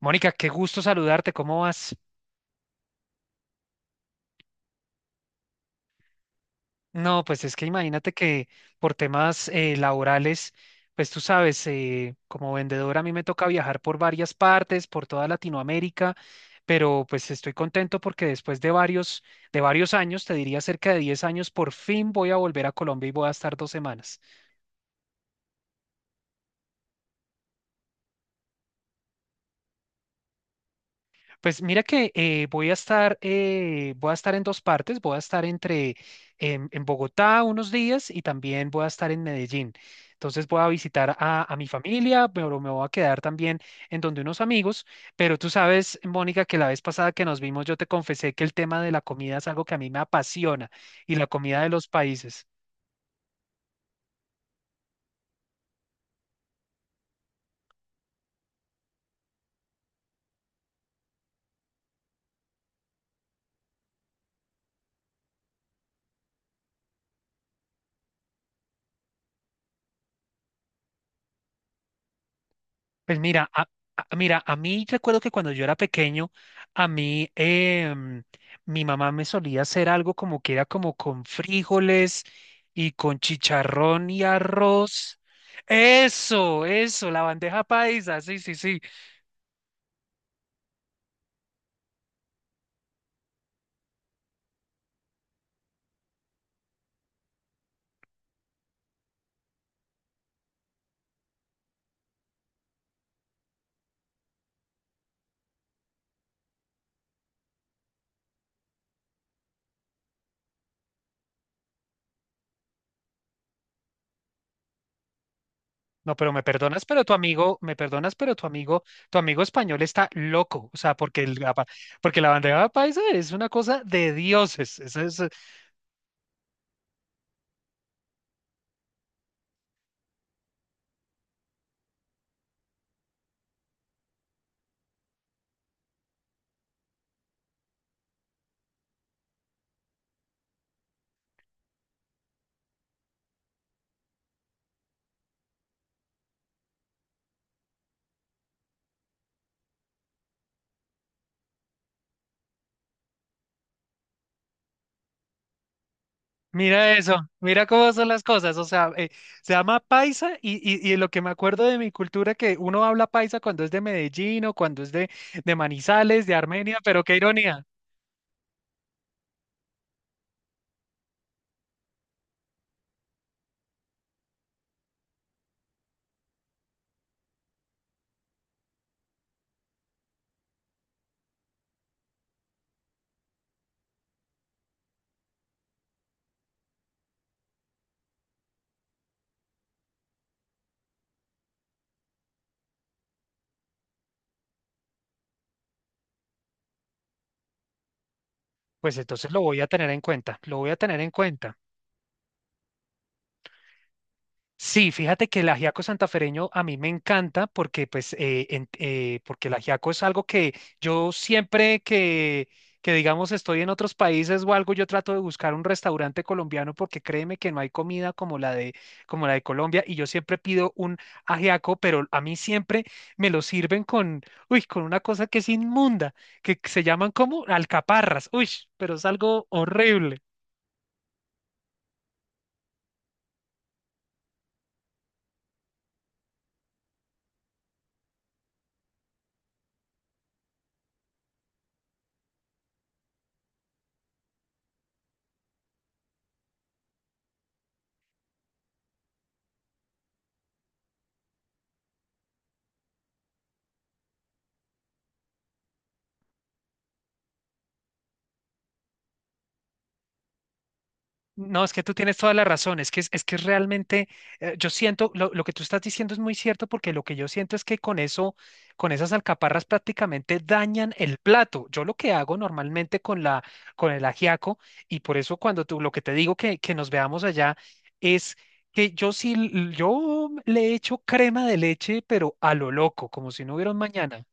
Mónica, qué gusto saludarte, ¿cómo vas? No, pues es que imagínate que por temas laborales, pues tú sabes, como vendedora a mí me toca viajar por varias partes, por toda Latinoamérica, pero pues estoy contento porque después de varios años, te diría cerca de 10 años, por fin voy a volver a Colombia y voy a estar 2 semanas. Pues mira que voy a estar en dos partes. Voy a estar en Bogotá unos días y también voy a estar en Medellín. Entonces voy a visitar a mi familia, pero me voy a quedar también en donde unos amigos. Pero tú sabes, Mónica, que la vez pasada que nos vimos yo te confesé que el tema de la comida es algo que a mí me apasiona y la comida de los países. Pues mira, a mí recuerdo que cuando yo era pequeño, a mí em, mi mamá me solía hacer algo como que era como con frijoles y con chicharrón y arroz. Eso, la bandeja paisa, sí, sí, sí. No, pero me perdonas, pero tu amigo español está loco, o sea, porque la bandeja paisa es una cosa de dioses. Mira eso, mira cómo son las cosas, o sea, se llama paisa y lo que me acuerdo de mi cultura que uno habla paisa cuando es de Medellín o cuando es de Manizales, de Armenia, pero qué ironía. Pues entonces lo voy a tener en cuenta, lo voy a tener en cuenta. Sí, fíjate que el ajiaco santafereño a mí me encanta porque, pues, porque el ajiaco es algo que yo siempre que, digamos, estoy en otros países o algo, yo trato de buscar un restaurante colombiano porque créeme que no hay comida como la de Colombia y yo siempre pido un ajiaco, pero a mí siempre me lo sirven con una cosa que es inmunda, que se llaman como alcaparras, uy, pero es algo horrible. No, es que tú tienes toda la razón, es que realmente yo siento lo que tú estás diciendo es muy cierto porque lo que yo siento es que con eso, con esas alcaparras prácticamente dañan el plato. Yo lo que hago normalmente con el ajiaco y por eso cuando tú lo que te digo que nos veamos allá es que yo le echo crema de leche pero a lo loco, como si no hubiera un mañana.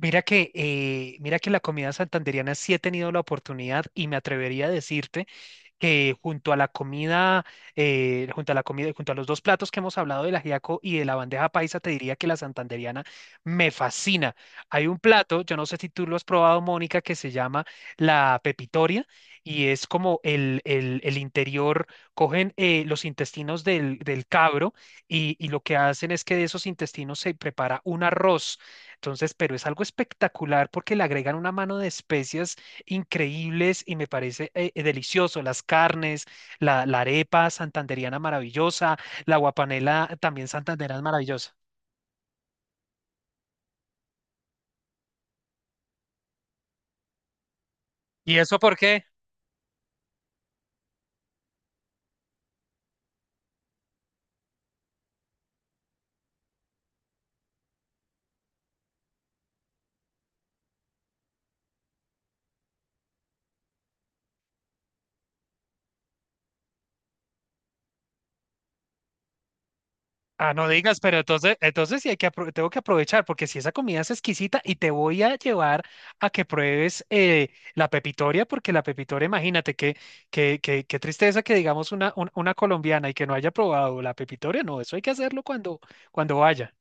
Mira que la comida santandereana sí he tenido la oportunidad y me atrevería a decirte que junto a la comida, junto a los dos platos que hemos hablado del ajiaco y de la bandeja paisa, te diría que la santandereana me fascina. Hay un plato, yo no sé si tú lo has probado, Mónica, que se llama la pepitoria y es como el interior, cogen los intestinos del cabro y lo que hacen es que de esos intestinos se prepara un arroz. Entonces, pero es algo espectacular porque le agregan una mano de especias increíbles y me parece delicioso. Las carnes, la arepa santandereana maravillosa, la guapanela también santanderana maravillosa. ¿Y eso por qué? Ah, no digas, pero entonces sí tengo que aprovechar, porque si esa comida es exquisita y te voy a llevar a que pruebes la pepitoria, porque la pepitoria, imagínate qué que tristeza que digamos una colombiana y que no haya probado la pepitoria, no, eso hay que hacerlo cuando vaya.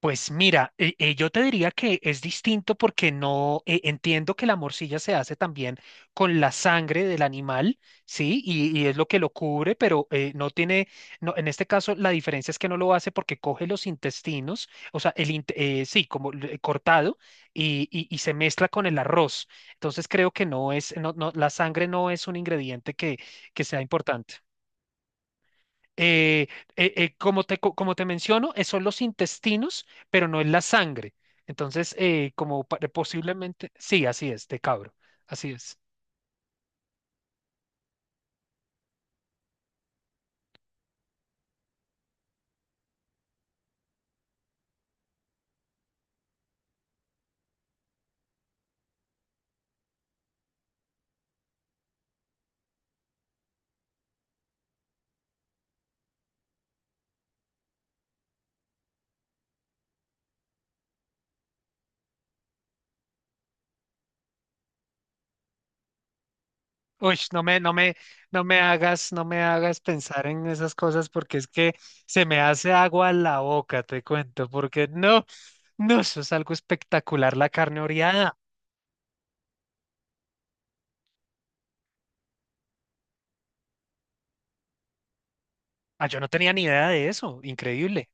Pues mira, yo te diría que es distinto porque no entiendo que la morcilla se hace también con la sangre del animal, ¿sí? Y es lo que lo cubre, pero no, en este caso la diferencia es que no lo hace porque coge los intestinos, o sea, sí, cortado y se mezcla con el arroz. Entonces creo que no es, no, no, la sangre no es un ingrediente que sea importante eh, como te menciono, son los intestinos, pero no es la sangre. Entonces, posiblemente, sí, así es, de cabro, así es. Uy, no me, no me, no me hagas, no me hagas pensar en esas cosas porque es que se me hace agua la boca, te cuento, porque no, no, eso es algo espectacular, la carne oreada. Ah, yo no tenía ni idea de eso, increíble.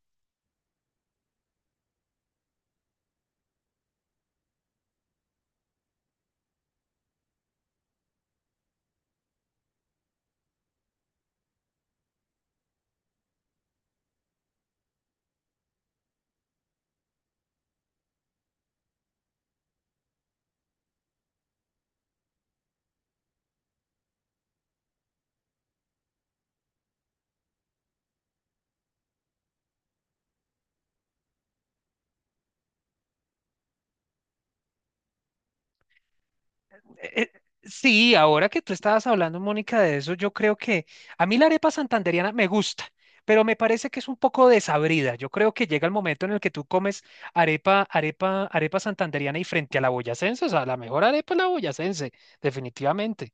Eh, Sí, ahora que tú estabas hablando, Mónica, de eso, yo creo que a mí la arepa santandereana me gusta, pero me parece que es un poco desabrida. Yo creo que llega el momento en el que tú comes arepa, arepa, arepa santandereana y frente a la boyacense, o sea, la mejor arepa es la boyacense, definitivamente.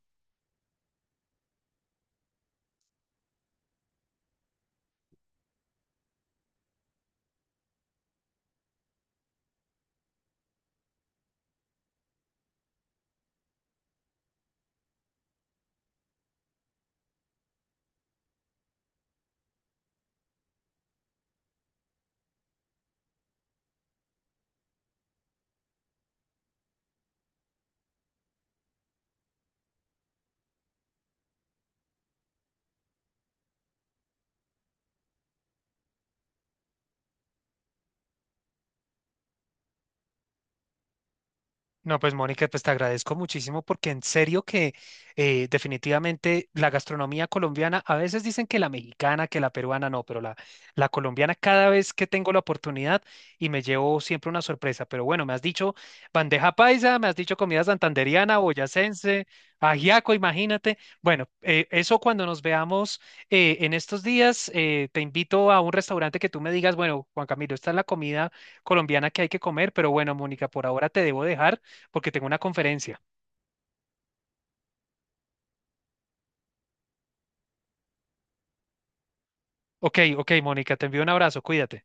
No, pues Mónica, pues te agradezco muchísimo porque en serio que definitivamente la gastronomía colombiana, a veces dicen que la mexicana, que la peruana, no, pero la colombiana cada vez que tengo la oportunidad y me llevo siempre una sorpresa. Pero bueno, me has dicho bandeja paisa, me has dicho comida santandereana, boyacense, ajiaco, imagínate. Bueno, eso cuando nos veamos en estos días, te invito a un restaurante que tú me digas, bueno, Juan Camilo, esta es la comida colombiana que hay que comer, pero bueno, Mónica, por ahora te debo dejar porque tengo una conferencia. Ok, ok, Mónica, te envío un abrazo, cuídate.